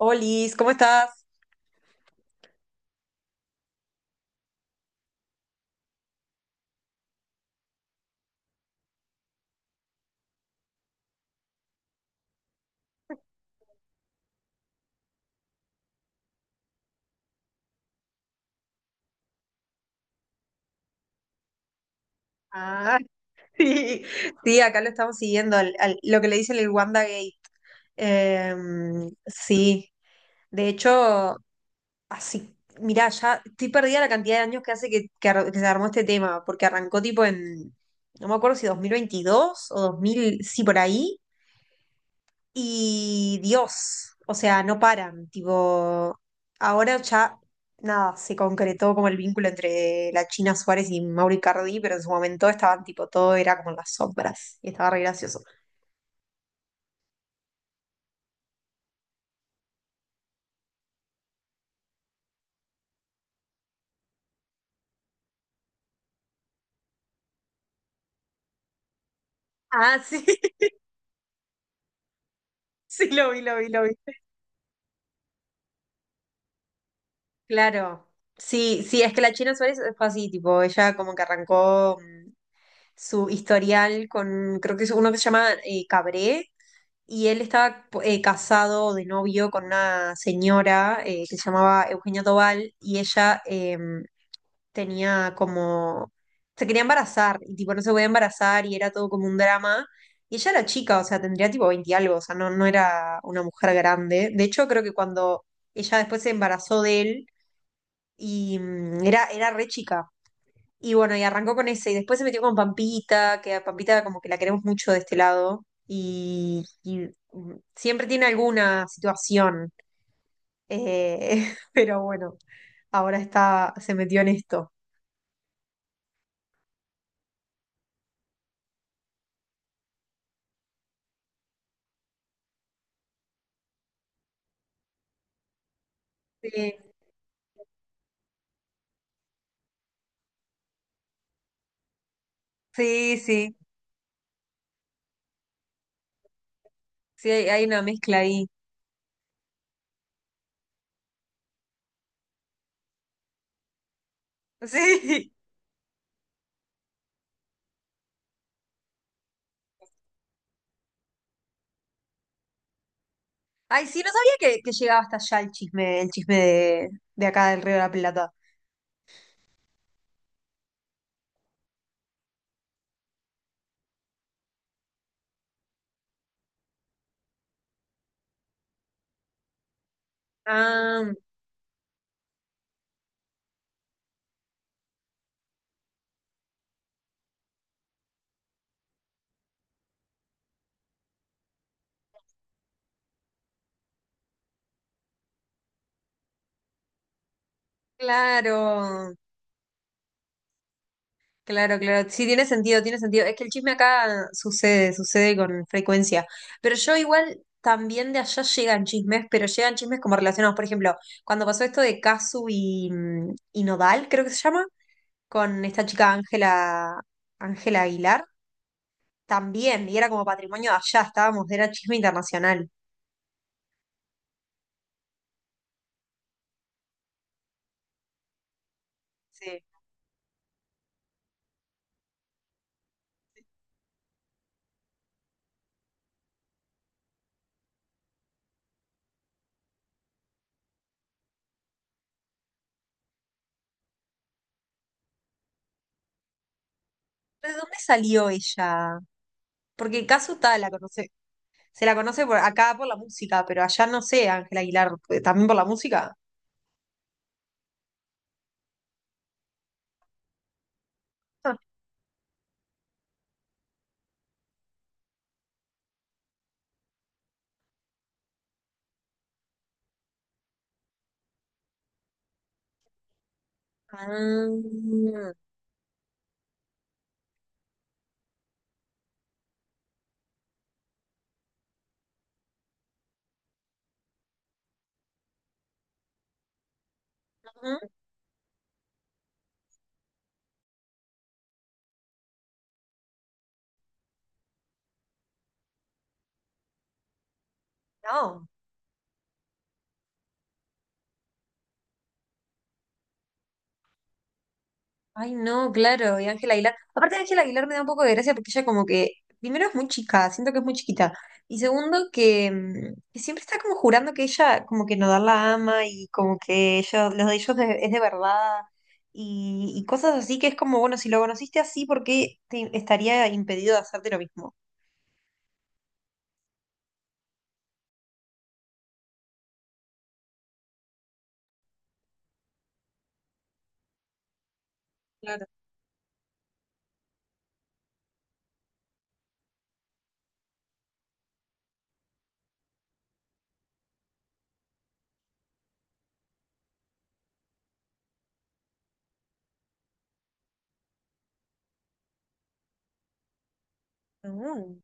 Olis, ¿cómo estás? Ah, Sí, sí, acá lo estamos siguiendo, lo que le dicen el Wanda Gate. Sí, de hecho, así, mirá, ya estoy perdida la cantidad de años que hace que se armó este tema, porque arrancó tipo en, no me acuerdo si 2022 o 2000, sí, por ahí. Y Dios, o sea, no paran, tipo, ahora ya nada, se concretó como el vínculo entre la China Suárez y Mauro Icardi, pero en su momento estaban tipo, todo era como en las sombras y estaba re gracioso. Ah, sí, sí, lo vi, lo vi, lo vi. Claro. Sí, sí, es que la China Suárez fue así, tipo, ella como que arrancó su historial con, creo que es uno que se llama Cabré. Y él estaba casado de novio con una señora que se llamaba Eugenia Tobal, y ella tenía como, se quería embarazar y tipo no se podía embarazar y era todo como un drama. Y ella era chica, o sea, tendría tipo 20 y algo, o sea, no era una mujer grande. De hecho, creo que cuando ella después se embarazó de él y era re chica. Y bueno, y arrancó con ese, y después se metió con Pampita, que a Pampita como que la queremos mucho de este lado, y, siempre tiene alguna situación, pero bueno, ahora está, se metió en esto. Sí, sí, sí, sí, hay una mezcla ahí. Sí. Ay, sí, no sabía que llegaba hasta allá el chisme de acá del Río de la Plata. Ah, claro, claro, claro. Sí, tiene sentido, tiene sentido. Es que el chisme acá sucede, sucede con frecuencia. Pero yo igual también de allá llegan chismes, pero llegan chismes como relacionados. Por ejemplo, cuando pasó esto de Casu y Nodal, creo que se llama, con esta chica Ángela, Ángela Aguilar. También, y era como patrimonio de allá, estábamos, era chisme internacional. Sí. ¿Pero de dónde salió ella? Porque Kazuta la conoce, se la conoce por acá por la música, pero allá no sé, Ángela Aguilar, pues, también por la música. Ah. Ah, ujú, no. Ay, no, claro, y Ángela Aguilar. Aparte, Ángela Aguilar me da un poco de gracia porque ella como que, primero es muy chica, siento que es muy chiquita. Y segundo, que, que siempre está como jurando que ella como que Nodal la ama y como que ellos, los de ellos de- es de verdad y cosas así que es como, bueno, si lo conociste así, ¿por qué te estaría impedido de hacerte lo mismo? Claro. No,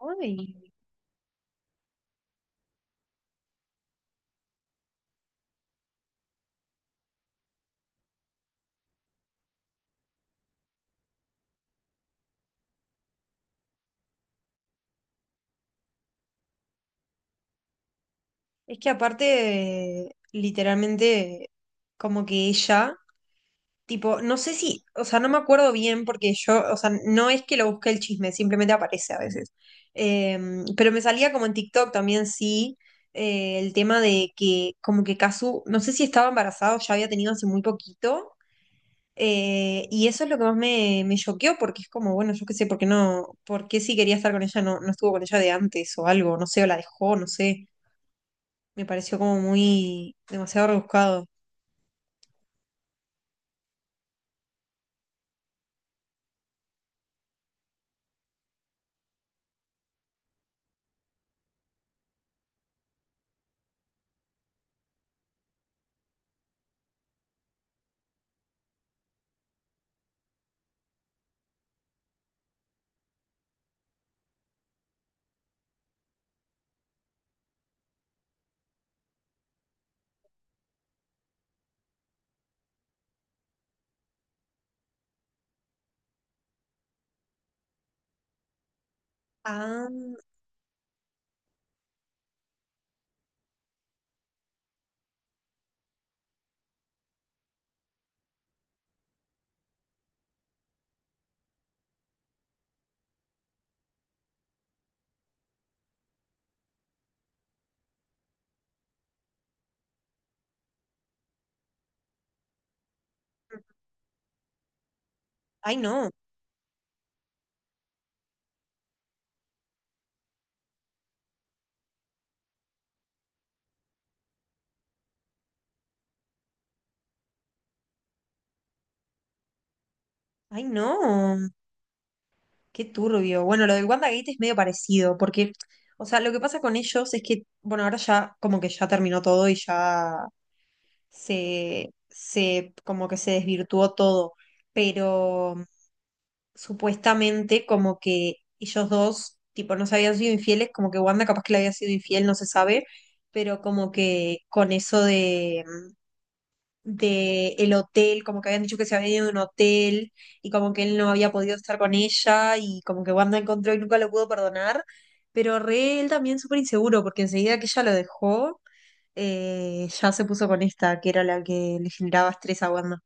ay. Es que aparte, literalmente, como que ella... Tipo, no sé si, o sea, no me acuerdo bien porque yo, o sea, no es que lo busqué el chisme, simplemente aparece a veces. Eh, pero me salía como en TikTok también, sí, el tema de que como que Kazu, no sé si estaba embarazada o ya había tenido hace muy poquito. Y eso es lo que más me choqueó porque es como, bueno, yo qué sé, ¿por qué no? ¿Por qué si quería estar con ella no estuvo con ella de antes o algo? No sé, o la dejó, no sé. Me pareció como muy demasiado rebuscado. Ah, ay no, ay no. Qué turbio. Bueno, lo del WandaGate es medio parecido, porque, o sea, lo que pasa con ellos es que, bueno, ahora ya como que ya terminó todo y ya como que se desvirtuó todo, pero supuestamente como que ellos dos, tipo, no se habían sido infieles, como que Wanda capaz que le había sido infiel, no se sabe, pero como que con eso de el hotel, como que habían dicho que se había ido de un hotel y como que él no había podido estar con ella y como que Wanda encontró y nunca lo pudo perdonar, pero re él también súper inseguro porque enseguida que ella lo dejó, ya se puso con esta, que era la que le generaba estrés a Wanda.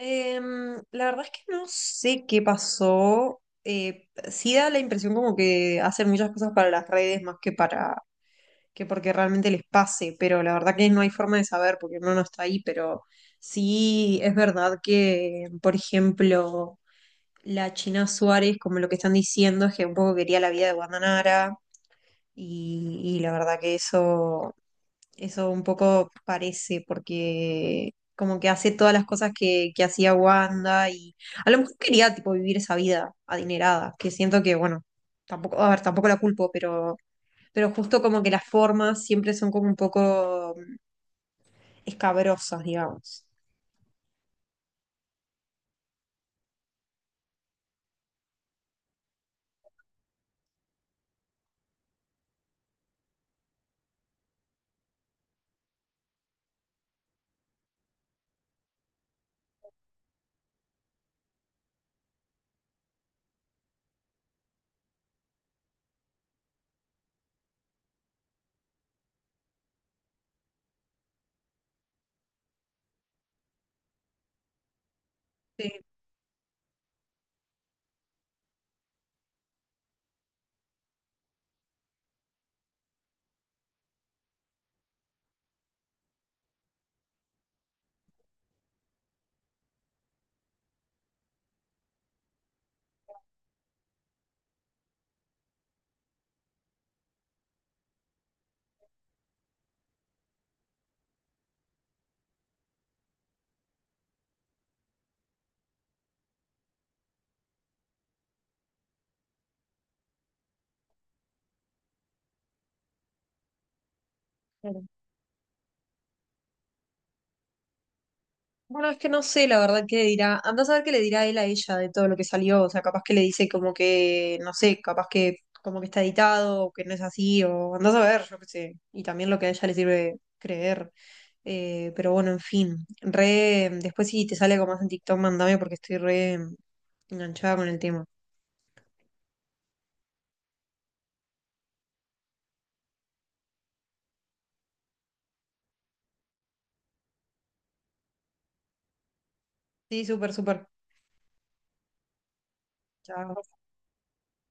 La verdad es que no sé qué pasó. Sí da la impresión como que hacen muchas cosas para las redes más que para que porque realmente les pase, pero la verdad que no hay forma de saber porque no está ahí, pero sí es verdad que, por ejemplo, la China Suárez, como lo que están diciendo, es que un poco quería la vida de Guandanara y la verdad que eso un poco parece, porque como que hace todas las cosas que hacía Wanda y a lo mejor quería tipo vivir esa vida adinerada, que siento que, bueno, tampoco, a ver, tampoco la culpo, pero justo como que las formas siempre son como un poco escabrosas, digamos. Sí, claro. Bueno, es que no sé la verdad qué dirá. Andá a saber qué le dirá él a ella de todo lo que salió. O sea, capaz que le dice como que, no sé, capaz que como que está editado o que no es así, o andás a ver, yo qué sé. Y también lo que a ella le sirve creer. Pero bueno, en fin. Re, después si te sale algo más en TikTok, mandame porque estoy re enganchada con el tema. Sí, súper, súper. Chao.